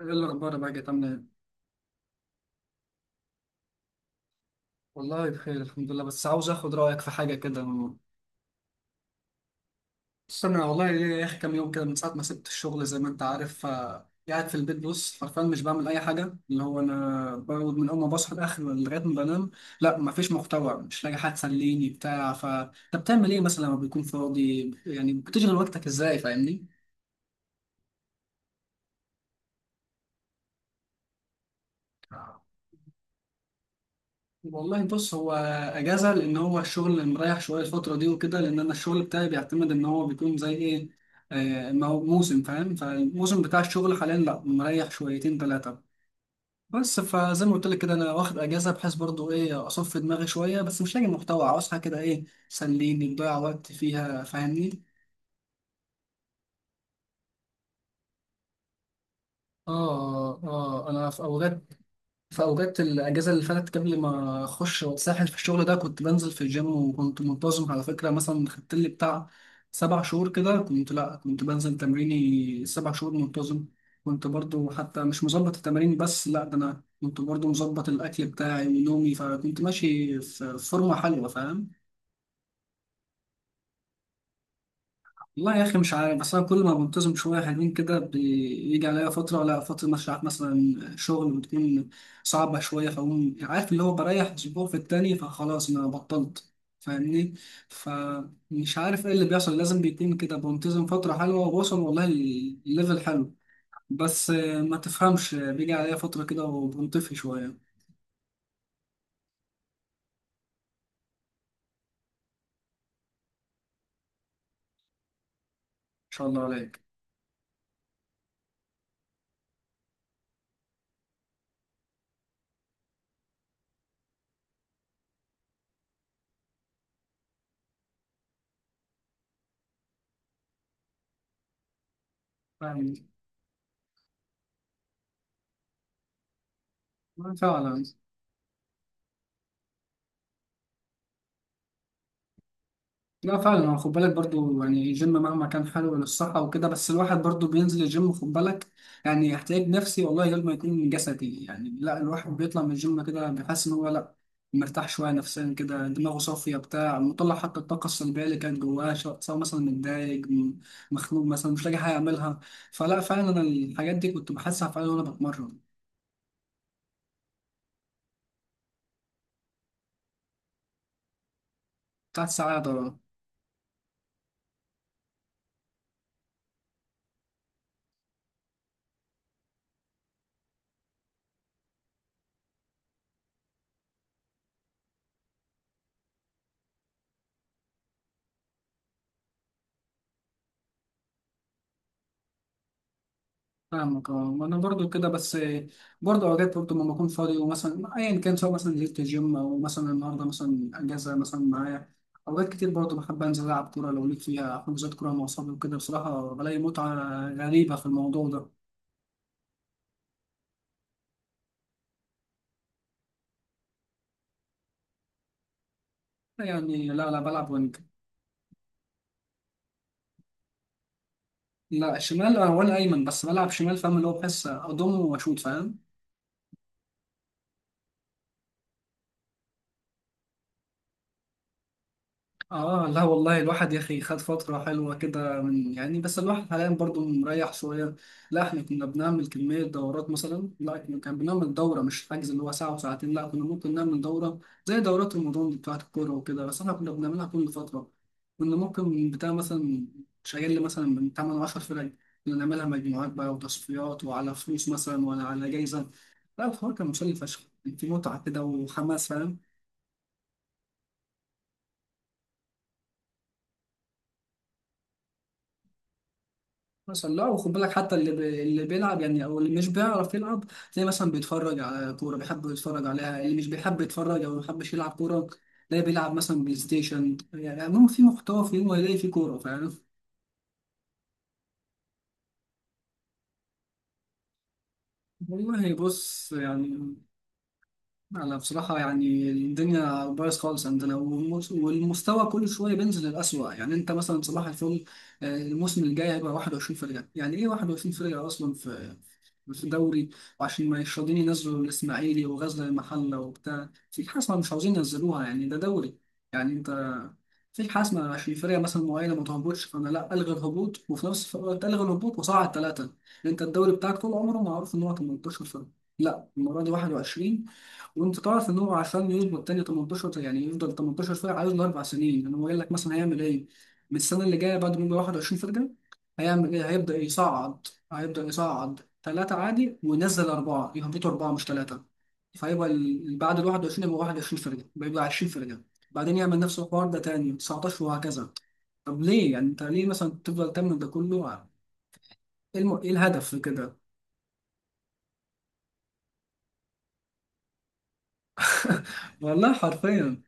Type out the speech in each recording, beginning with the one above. ايه الاخبار بقى كده؟ عامله ايه؟ والله بخير الحمد لله، بس عاوز اخد رايك في حاجه كده. استنى والله ليا يا اخي كام يوم كده من ساعه ما سبت الشغل، زي ما انت عارف قاعد في البيت، بص فرفان مش بعمل اي حاجه، اللي هو انا بقعد من اول ما بصحى لاخر لغايه ما بنام. لا مفيش محتوى، مش لاقي حد تسليني بتاع. ف انت بتعمل ايه مثلا لما بيكون فاضي؟ يعني بتشغل وقتك ازاي؟ فاهمني؟ والله بص، هو اجازه، لان هو الشغل مريح شويه الفتره دي وكده، لان انا الشغل بتاعي بيعتمد ان هو بيكون زي ايه، ما هو موسم، فاهم؟ فالموسم بتاع الشغل حاليا لا مريح شويتين ثلاثه. بس فزي ما قلت لك كده، انا واخد اجازه بحيث برضو ايه، اصفي دماغي شويه، بس مش لاقي محتوى، عاوز حاجه كده ايه تسليني، تضيع وقت فيها، فاهمني؟ اه اه انا في اوقات، في أوقات الأجازة اللي فاتت قبل ما أخش وأتسحل في الشغل ده، كنت بنزل في الجيم وكنت منتظم على فكرة. مثلا خدت لي بتاع سبع شهور كده، كنت لأ كنت بنزل تمريني سبع شهور منتظم. كنت برضو حتى مش مظبط التمارين، بس لأ ده أنا كنت برضو مظبط الأكل بتاعي ونومي، فكنت ماشي في فورمة حلوة، فاهم؟ والله يا اخي مش عارف، بس انا كل ما بنتظم شويه حلوين كده، بيجي عليا فتره، لا فتره مش عارف مثلا شغل بتكون صعبه شويه، فاقوم عارف اللي هو بريح اسبوع في التاني، فخلاص انا بطلت، فاهمني؟ فمش عارف ايه اللي بيحصل، لازم بيكون كده بنتظم فتره حلوه وبوصل والله الليفل حلو، بس ما تفهمش بيجي عليا فتره كده وبنطفي شويه. ان شاء الله عليك. فاهم. فعلا. لا فعلا، هو خد بالك برضو، يعني الجيم مهما كان حلو للصحة وكده، بس الواحد برضو بينزل الجيم، خد بالك، يعني احتياج نفسي والله غير ما يكون جسدي. يعني لا الواحد بيطلع من الجيم كده بيحس ان هو لا مرتاح شوية نفسيا، كده دماغه صافية بتاع، مطلع حتى الطاقة السلبية اللي كانت جواه، سواء مثلا متضايق، مخنوق مثلا، مش لاقي حاجة أعملها. فلا فعلا أنا الحاجات دي كنت بحسها فعلا وأنا بتمرن بتاعت ساعات. فاهمك. اه انا برضو كده بس، برضو اوقات برضو لما بكون فاضي، ومثلا ايا كان سواء مثلا نزلت الجيم او مثلا النهارده مثلا اجازه مثلا معايا، اوقات كتير برضو بحب انزل العب كوره، لو ليك فيها حجوزات كوره مع اصحابي وكده، بصراحه بلاقي متعه غريبه في الموضوع ده. يعني لا لا بلعب وينج. لا الشمال، ولا ايمن بس بلعب شمال، فاهم؟ اللي هو بحس اضم واشوط، فاهم؟ اه لا والله الواحد يا اخي خد فترة حلوة كده، من يعني بس الواحد حاليا برضو مريح شوية. لا احنا كنا بنعمل كمية دورات، مثلا لا احنا كان بنعمل دورة مش حجز اللي هو ساعة وساعتين، لا كنا ممكن نعمل دورة زي دورات رمضان دي بتاعت الكورة وكده، بس احنا كنا بنعملها كل فترة. كنا ممكن بتاع مثلا شغال لي مثلا من 8 10 فرق، كنا نعملها مجموعات بقى وتصفيات، وعلى فلوس مثلا ولا على جايزة. لا الحوار كان مسلي فشخ، كان في متعة كده وحماس، فاهم؟ مثلا لا، وخد بالك حتى اللي بيلعب يعني، او اللي مش بيعرف يلعب، تلاقي مثلا بيتفرج على كوره، بيحب يتفرج عليها. اللي مش بيحب يتفرج او ما بيحبش يلعب كوره، تلاقي بيلعب مثلا بلاي ستيشن. يعني المهم في محتوى، في يوم هيلاقي في كوره، فاهم؟ والله بص يعني، انا بصراحه يعني الدنيا بايظ خالص عندنا، والمستوى كل شويه بينزل للأسوأ. يعني انت مثلا صباح الفل، الموسم الجاي هيبقى 21 فرقه، يعني ايه 21 فرقه اصلا في الدوري؟ وعشان ما يشردين ينزلوا الاسماعيلي وغزل المحله وبتاع في حاسمه مش عاوزين ينزلوها، يعني ده دوري يعني. انت في حاسمه عشان فرقه مثلا معينه ما تهبطش، فانا لا الغي الهبوط، وفي نفس الوقت الغي الهبوط وصعد ثلاثه. انت الدوري بتاعك طول عمره معروف ان هو 18 فرقه، لا المره دي 21. وانت تعرف ان هو عشان يظبط التاني 18، يعني يفضل 18 فرقه، عايز له اربع سنين. يعني هو قال لك مثلا هيعمل ايه؟ من السنه اللي جايه بعد ما يبقى 21 فرقه هيعمل ايه؟ هيبدا يصعد، هيبدا يصعد ثلاثه عادي وينزل اربعه، يهبطوا اربعه مش ثلاثه، فيبقى بعد ال 21 يبقى 21 فرقه، بيبقى 20 فرقه. بعدين يعمل نفس الحوار ده تاني 19 وهكذا. طب ليه يعني انت ليه مثلا تفضل تعمل ده كله؟ ايه إيه الهدف في كده؟ والله حرفيا.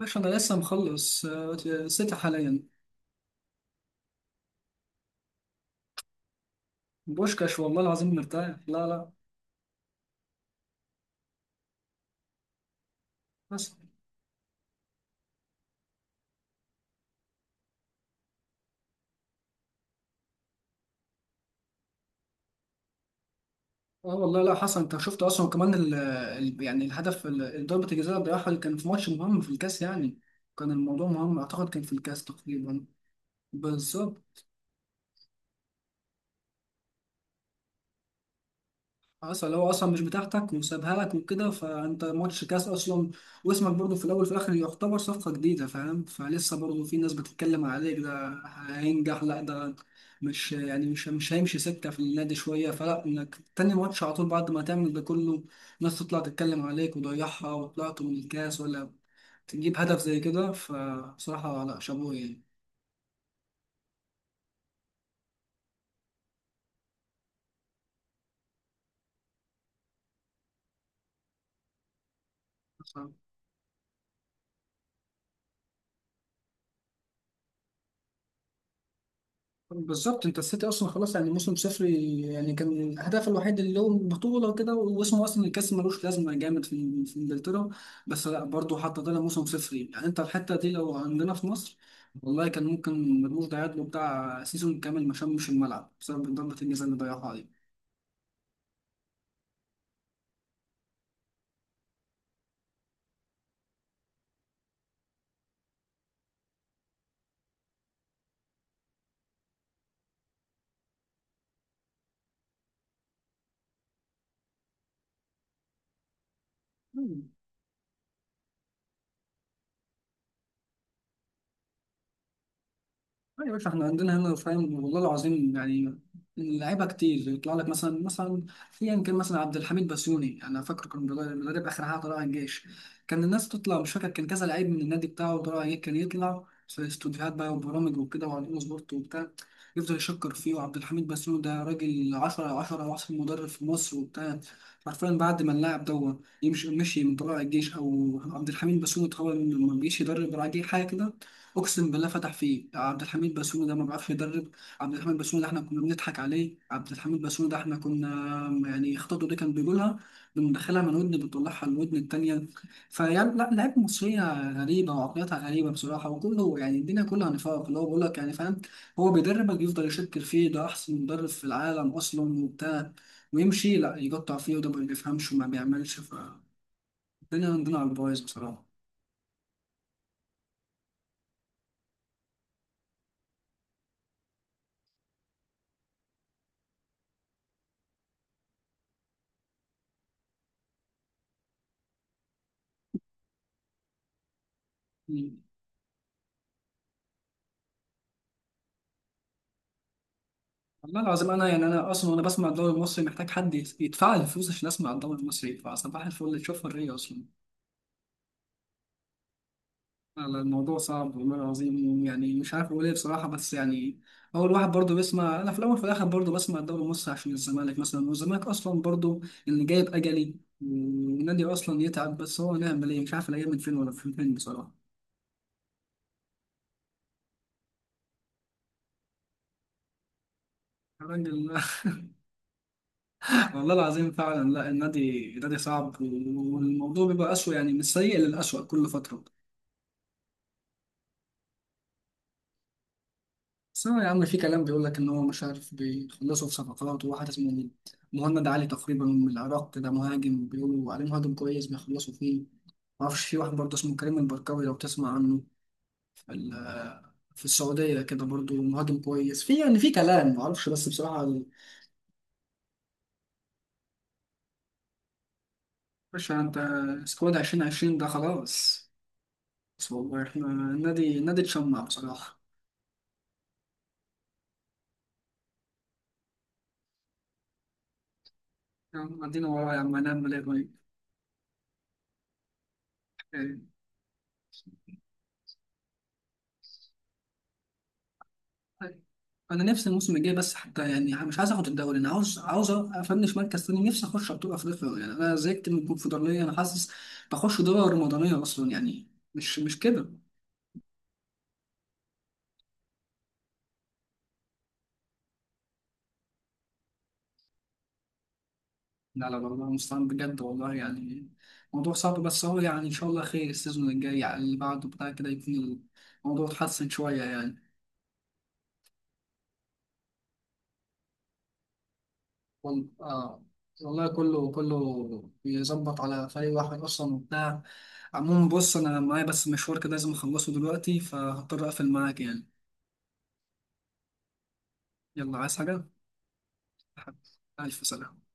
باش انا لسه مخلص سيتي حاليا. بوشكاش، والله العظيم مرتاح. لا لا حسن. اه والله لا حسن، انت شفت اصلا كمان يعني الهدف ضربة الجزاء اللي ضيعها، اللي كان في ماتش مهم في الكاس يعني، كان الموضوع مهم، اعتقد كان في الكاس تقريبا. بالظبط. اصل هو اصلا مش بتاعتك وسابها لك وكده، فانت ماتش كاس اصلا، واسمك برضه في الاول وفي الاخر يعتبر صفقه جديده، فاهم؟ فلسه برضه في ناس بتتكلم عليك، ده هينجح لا ده، مش يعني مش مش هيمشي سكه في النادي شويه، فلا انك تاني ماتش على طول بعد ما تعمل ده كله، ناس تطلع تتكلم عليك وضيعها وطلعت من الكاس، ولا تجيب هدف زي كده، فبصراحه لا شابوه يعني. بالظبط، انت السيتي اصلا خلاص يعني موسم صفري، يعني كان هدفه الوحيد اللي هو البطوله وكده، واسمه اصلا الكاس ملوش لازمه جامد في في انجلترا، بس لا برضه حتى طلع موسم صفري. يعني انت الحته دي لو عندنا في مصر، والله كان ممكن مرموش ده يعادله بتاع سيزون كامل ما شمش الملعب بسبب ضربه الجزاء اللي ضيعها عليه. لا يا باشا احنا عندنا هنا، فاهم؟ والله العظيم يعني اللعيبه كتير، يطلع لك مثلا مثلا ايا كان مثلا عبد الحميد بسيوني، انا فاكر كان مدرب مدرب اخر حاجه طلع الجيش، كان الناس تطلع، مش فاكر كان كذا لعيب من النادي بتاعه طلع الجيش، كان يطلع في استوديوهات بقى وبرامج وكده وعلى اون سبورت وبتاع، يفضل يشكر فيه، وعبد الحميد بسيوني ده راجل 10 على 10، واحسن مدرب في مصر وبتاع. حرفيا بعد ما اللاعب ده يمشي، مشي من طلائع الجيش، او عبد الحميد بسيوني اتخرج ما بيجيش يدرب راجل حاجه كده. اقسم بالله فتح فيه، عبد الحميد بسوني ده ما بيعرفش يدرب. عبد الحميد بسوني ده احنا كنا بنضحك عليه، عبد الحميد بسوني ده احنا كنا يعني خطته دي كان بيقولها، بندخلها من ودن بنطلعها الودن التانية. فيعني لا لعيبه مصريه غريبه وعقليتها غريبه بصراحه، وكله يعني الدنيا كلها نفاق، اللي هو بيقول لك يعني، فاهم؟ هو بيدربك يفضل يشكر فيه، ده احسن مدرب في العالم اصلا وبتاع، ويمشي لا يقطع فيه، وده ما بيفهمش وما بيعملش. فالدنيا عندنا على البايظ بصراحه. والله العظيم انا يعني انا اصلا وانا بسمع الدوري المصري محتاج حد يدفع لي الفلوس عشان اسمع الدوري المصري، فصباح الفل اللي تشوف الرية اصلا. لا، الموضوع صعب والله العظيم، يعني مش عارف اقول ايه بصراحه، بس يعني هو الواحد برضه بيسمع، انا في الاول وفي الاخر برضه بسمع الدوري المصري عشان الزمالك مثلا، والزمالك اصلا برضه اللي جايب اجلي، والنادي اصلا يتعب، بس هو نعمل ايه؟ مش عارف الايام من فين ولا من فين بصراحه. يا راجل. والله العظيم فعلا. لا النادي النادي صعب، والموضوع بيبقى اسوء، يعني من السيء للاسوء كل فتره. بس هو يا عم في كلام بيقول لك إن هو مش عارف بيخلصوا في صفقات، وواحد اسمه مهند علي تقريبا من العراق ده مهاجم، بيقولوا عليه مهاجم كويس بيخلصوا فيه. معرفش في واحد برضه اسمه كريم البركاوي، لو تسمع عنه، في في السعودية كده برضه مهاجم كويس. في يعني في كلام معرفش، بس بصراحة باشا أنت سكواد 2020 ده خلاص. بس والله إحنا النادي النادي اتشمع بصراحة. يا عم عدينا وراه يا عم، هنعمل إيه؟ طيب. طيب. انا نفسي الموسم الجاي بس حتى، يعني مش عايز اخد الدوري، انا عاوز عاوز افنش مركز تاني، نفسي اخش ابطال افريقيا، يعني انا زهقت من الكونفدراليه، انا حاسس بخش دوري رمضانيه اصلا، يعني مش كده. لا لا والله مستعان بجد والله، يعني موضوع صعب. بس هو يعني ان شاء الله خير، السيزون الجاي على اللي بعده بتاع كده يكون الموضوع اتحسن شويه يعني. وال- آه، والله كله كله بيظبط على فريق واحد اصلا وبتاع. عموما بص، انا معايا بس مشوار كده لازم اخلصه دلوقتي، فهضطر اقفل معاك يعني. يلا، عايز حاجة؟ حبيبي، الف سلامة.